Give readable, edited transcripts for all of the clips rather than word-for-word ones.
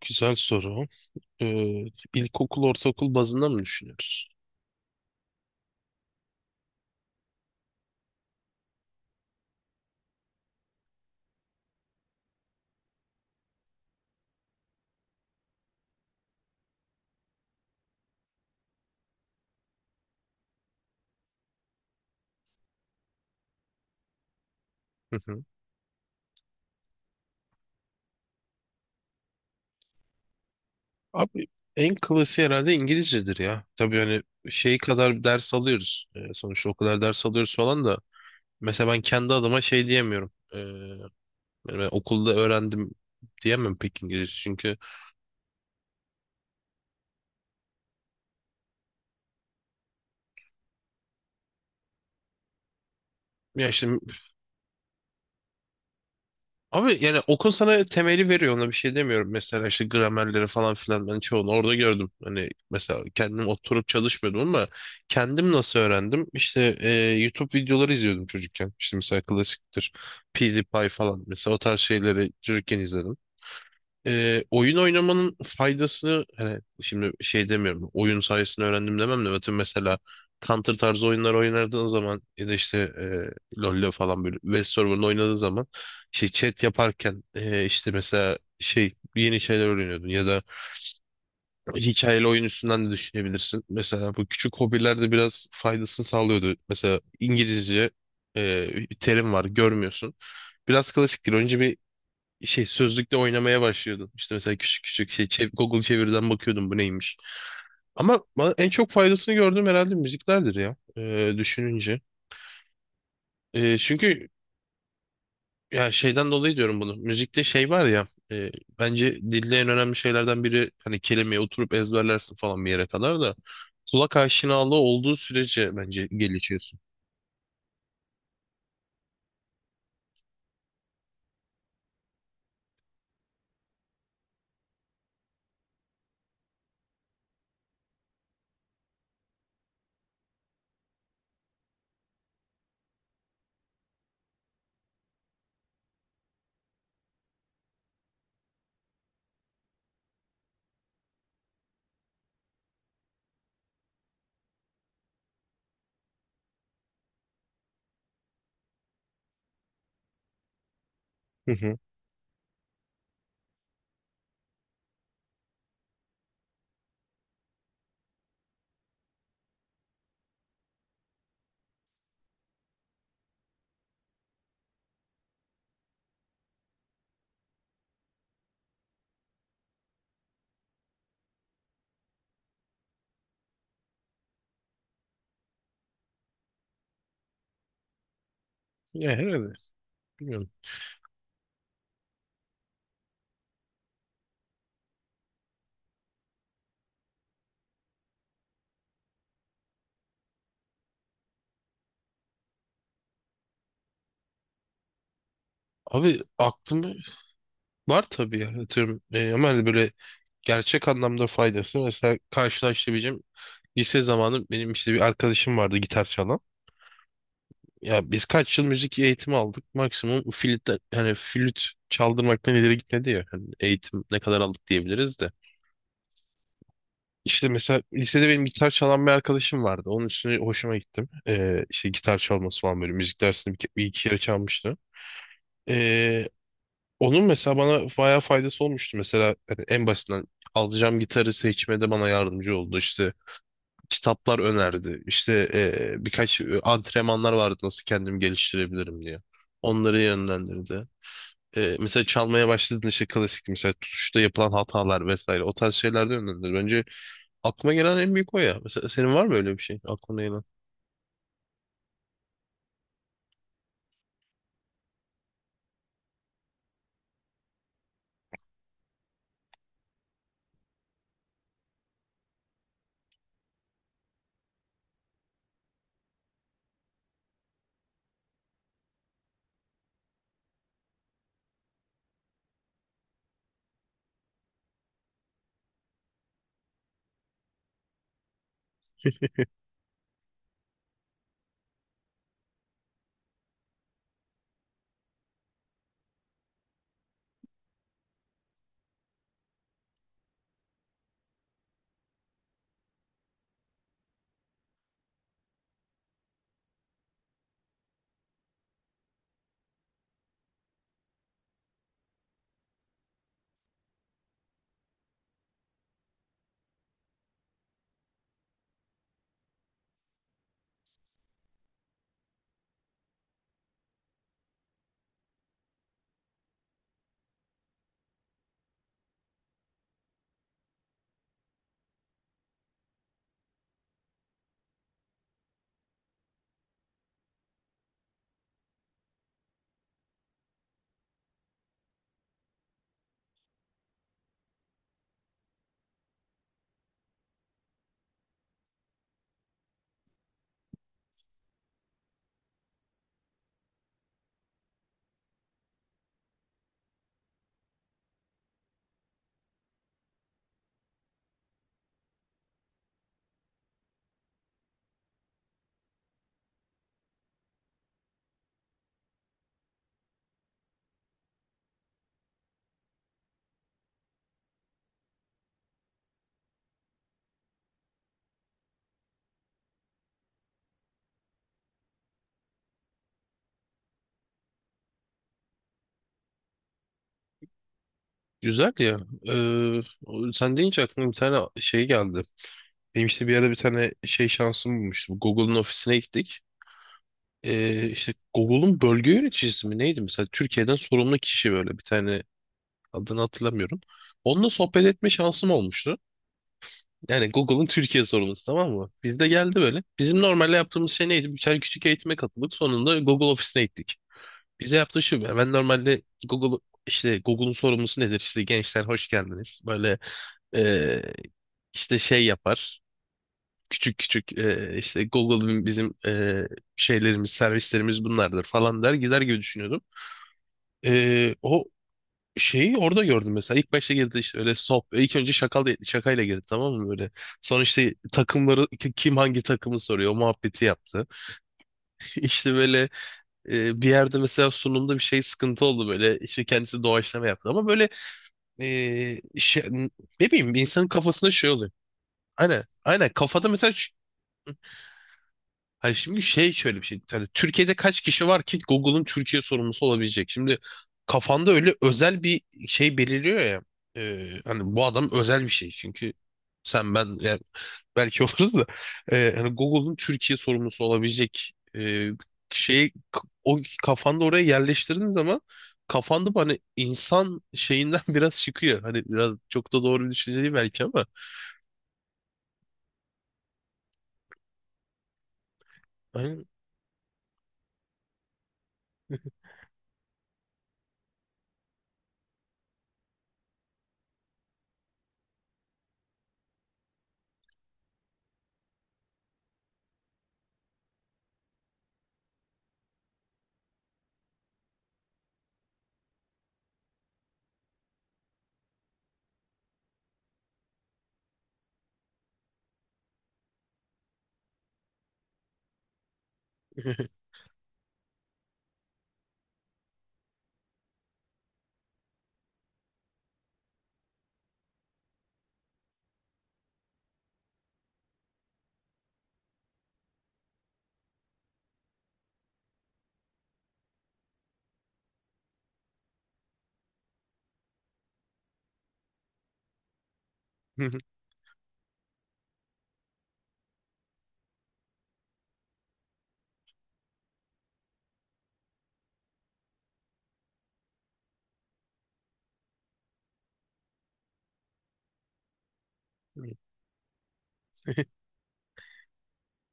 Güzel soru. Ee, ilkokul, ortaokul bazında mı düşünüyoruz? Hı hı. Abi, en klasiği herhalde İngilizcedir ya. Tabii hani şey kadar ders alıyoruz. Sonuçta o kadar ders alıyoruz falan da. Mesela ben kendi adıma şey diyemiyorum. Yani ben okulda öğrendim diyemem pek İngilizce. Çünkü ya işte. Abi, yani okul sana temeli veriyor, ona bir şey demiyorum. Mesela işte gramerleri falan filan ben çoğunu orada gördüm. Hani mesela kendim oturup çalışmıyordum ama kendim nasıl öğrendim? İşte YouTube videoları izliyordum çocukken. İşte mesela klasiktir, PewDiePie falan, mesela o tarz şeyleri çocukken izledim. Oyun oynamanın faydası, hani şimdi şey demiyorum, oyun sayesinde öğrendim demem de, atıyorum mesela Counter tarzı oyunlar oynadığın zaman ya da işte LoL'le falan, böyle Westerworld oynadığın zaman şey chat yaparken işte mesela şey, yeni şeyler öğreniyordun, ya da hikayeli oyun üstünden de düşünebilirsin. Mesela bu küçük hobiler de biraz faydasını sağlıyordu. Mesela İngilizce bir terim var, görmüyorsun. Biraz klasiktir. Önce bir şey sözlükte oynamaya başlıyordum. İşte mesela küçük küçük şey, Google çeviriden bakıyordum bu neymiş. Ama bana en çok faydasını gördüğüm herhalde müziklerdir ya, düşününce. Çünkü ya, şeyden dolayı diyorum bunu. Müzikte şey var ya, e, bence dilde en önemli şeylerden biri, hani kelimeyi oturup ezberlersin falan bir yere kadar da, kulak aşinalığı olduğu sürece bence gelişiyorsun. Hı hı. Ya herhalde. Bilmiyorum. Abi, aklımı var tabii ya. Atıyorum, ama hani böyle gerçek anlamda faydası, mesela karşılaştırabileceğim, lise zamanı benim işte bir arkadaşım vardı gitar çalan. Ya biz kaç yıl müzik eğitimi aldık, maksimum flüt, hani flüt çaldırmaktan ileri gitmedi ya, hani eğitim ne kadar aldık diyebiliriz de. İşte mesela lisede benim gitar çalan bir arkadaşım vardı. Onun üstüne hoşuma gittim. İşte gitar çalması falan, böyle müzik dersinde bir iki kere çalmıştı. Ee, Onun mesela bana bayağı faydası olmuştu. Mesela hani en basitinden alacağım gitarı seçmede bana yardımcı oldu. İşte kitaplar önerdi. İşte birkaç antrenmanlar vardı nasıl kendimi geliştirebilirim diye. Onları yönlendirdi. Mesela çalmaya başladığında işte klasik mesela tutuşta yapılan hatalar vesaire, o tarz şeyler de yönlendirdi. Bence aklıma gelen en büyük o ya. Mesela senin var mı öyle bir şey aklına gelen? Güzel ya. E, Sen deyince aklıma bir tane şey geldi. Benim işte bir yerde bir tane şey şansım bulmuştum. Google'un ofisine gittik. İşte Google'un bölge yöneticisi mi neydi, mesela Türkiye'den sorumlu kişi, böyle bir tane, adını hatırlamıyorum. Onunla sohbet etme şansım olmuştu. Yani Google'ın Türkiye sorumlusu, tamam mı? Biz de geldi böyle. Bizim normalde yaptığımız şey neydi? Birer küçük eğitime katıldık. Sonunda Google ofisine gittik. Bize yaptığı şu. Yani ben normalde Google, işte Google'un sorumlusu nedir? İşte gençler hoş geldiniz. Böyle e, işte şey yapar. Küçük küçük işte Google'ın bizim şeylerimiz, servislerimiz bunlardır falan der gider gibi düşünüyordum. O şeyi orada gördüm mesela. İlk başta girdi işte öyle sop. İlk önce şakal şakayla girdi, tamam mı, böyle. Sonra işte takımları, kim hangi takımı soruyor, o muhabbeti yaptı. İşte böyle, bir yerde mesela sunumda bir şey sıkıntı oldu böyle. İşte kendisi doğaçlama yaptı ama böyle, şey, ne bileyim, insanın kafasında şey oluyor. Aynen. Aynen kafada mesela. Hayır, şimdi şey, şöyle bir şey. Hani Türkiye'de kaç kişi var ki Google'ın Türkiye sorumlusu olabilecek? Şimdi kafanda öyle özel bir şey belirliyor ya. Hani bu adam özel bir şey. Çünkü sen, ben, yani belki oluruz da hani Google'ın Türkiye sorumlusu olabilecek şeyi, o kafanda oraya yerleştirdiğin zaman, kafanda bu hani insan şeyinden biraz çıkıyor. Hani biraz çok da doğru bir düşünce değil belki, ama. Aynen.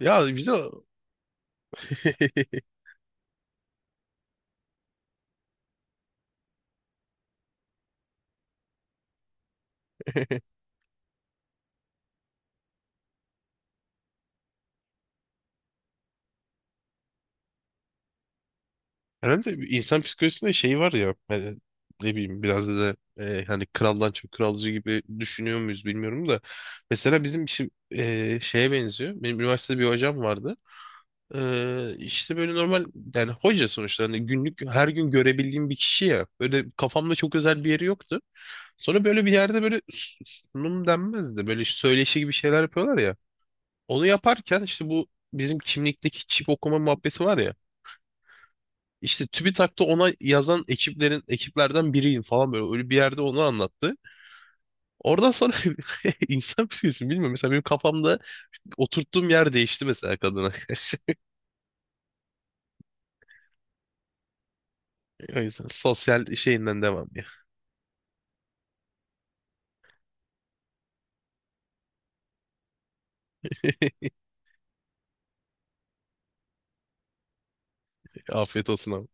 Ya bize. Herhalde bir insan psikolojisinde şey var ya, hani ne bileyim, biraz da hani kraldan çok kralcı gibi düşünüyor muyuz bilmiyorum da, mesela bizim işi şeye benziyor. Benim üniversitede bir hocam vardı. İşte böyle normal, yani hoca sonuçta, hani günlük her gün görebildiğim bir kişi ya. Böyle kafamda çok özel bir yeri yoktu. Sonra böyle bir yerde böyle sunum denmez de, böyle işte söyleşi gibi şeyler yapıyorlar ya. Onu yaparken işte bu bizim kimlikteki çip okuma muhabbeti var ya. İşte TÜBİTAK'ta ona yazan ekiplerin, ekiplerden biriyim falan, böyle öyle bir yerde onu anlattı. Oradan sonra insan psikolojisi bilmiyorum. Mesela benim kafamda oturttuğum yer değişti, mesela kadına karşı. O yüzden sosyal şeyinden devam ya. Afiyet olsun abi.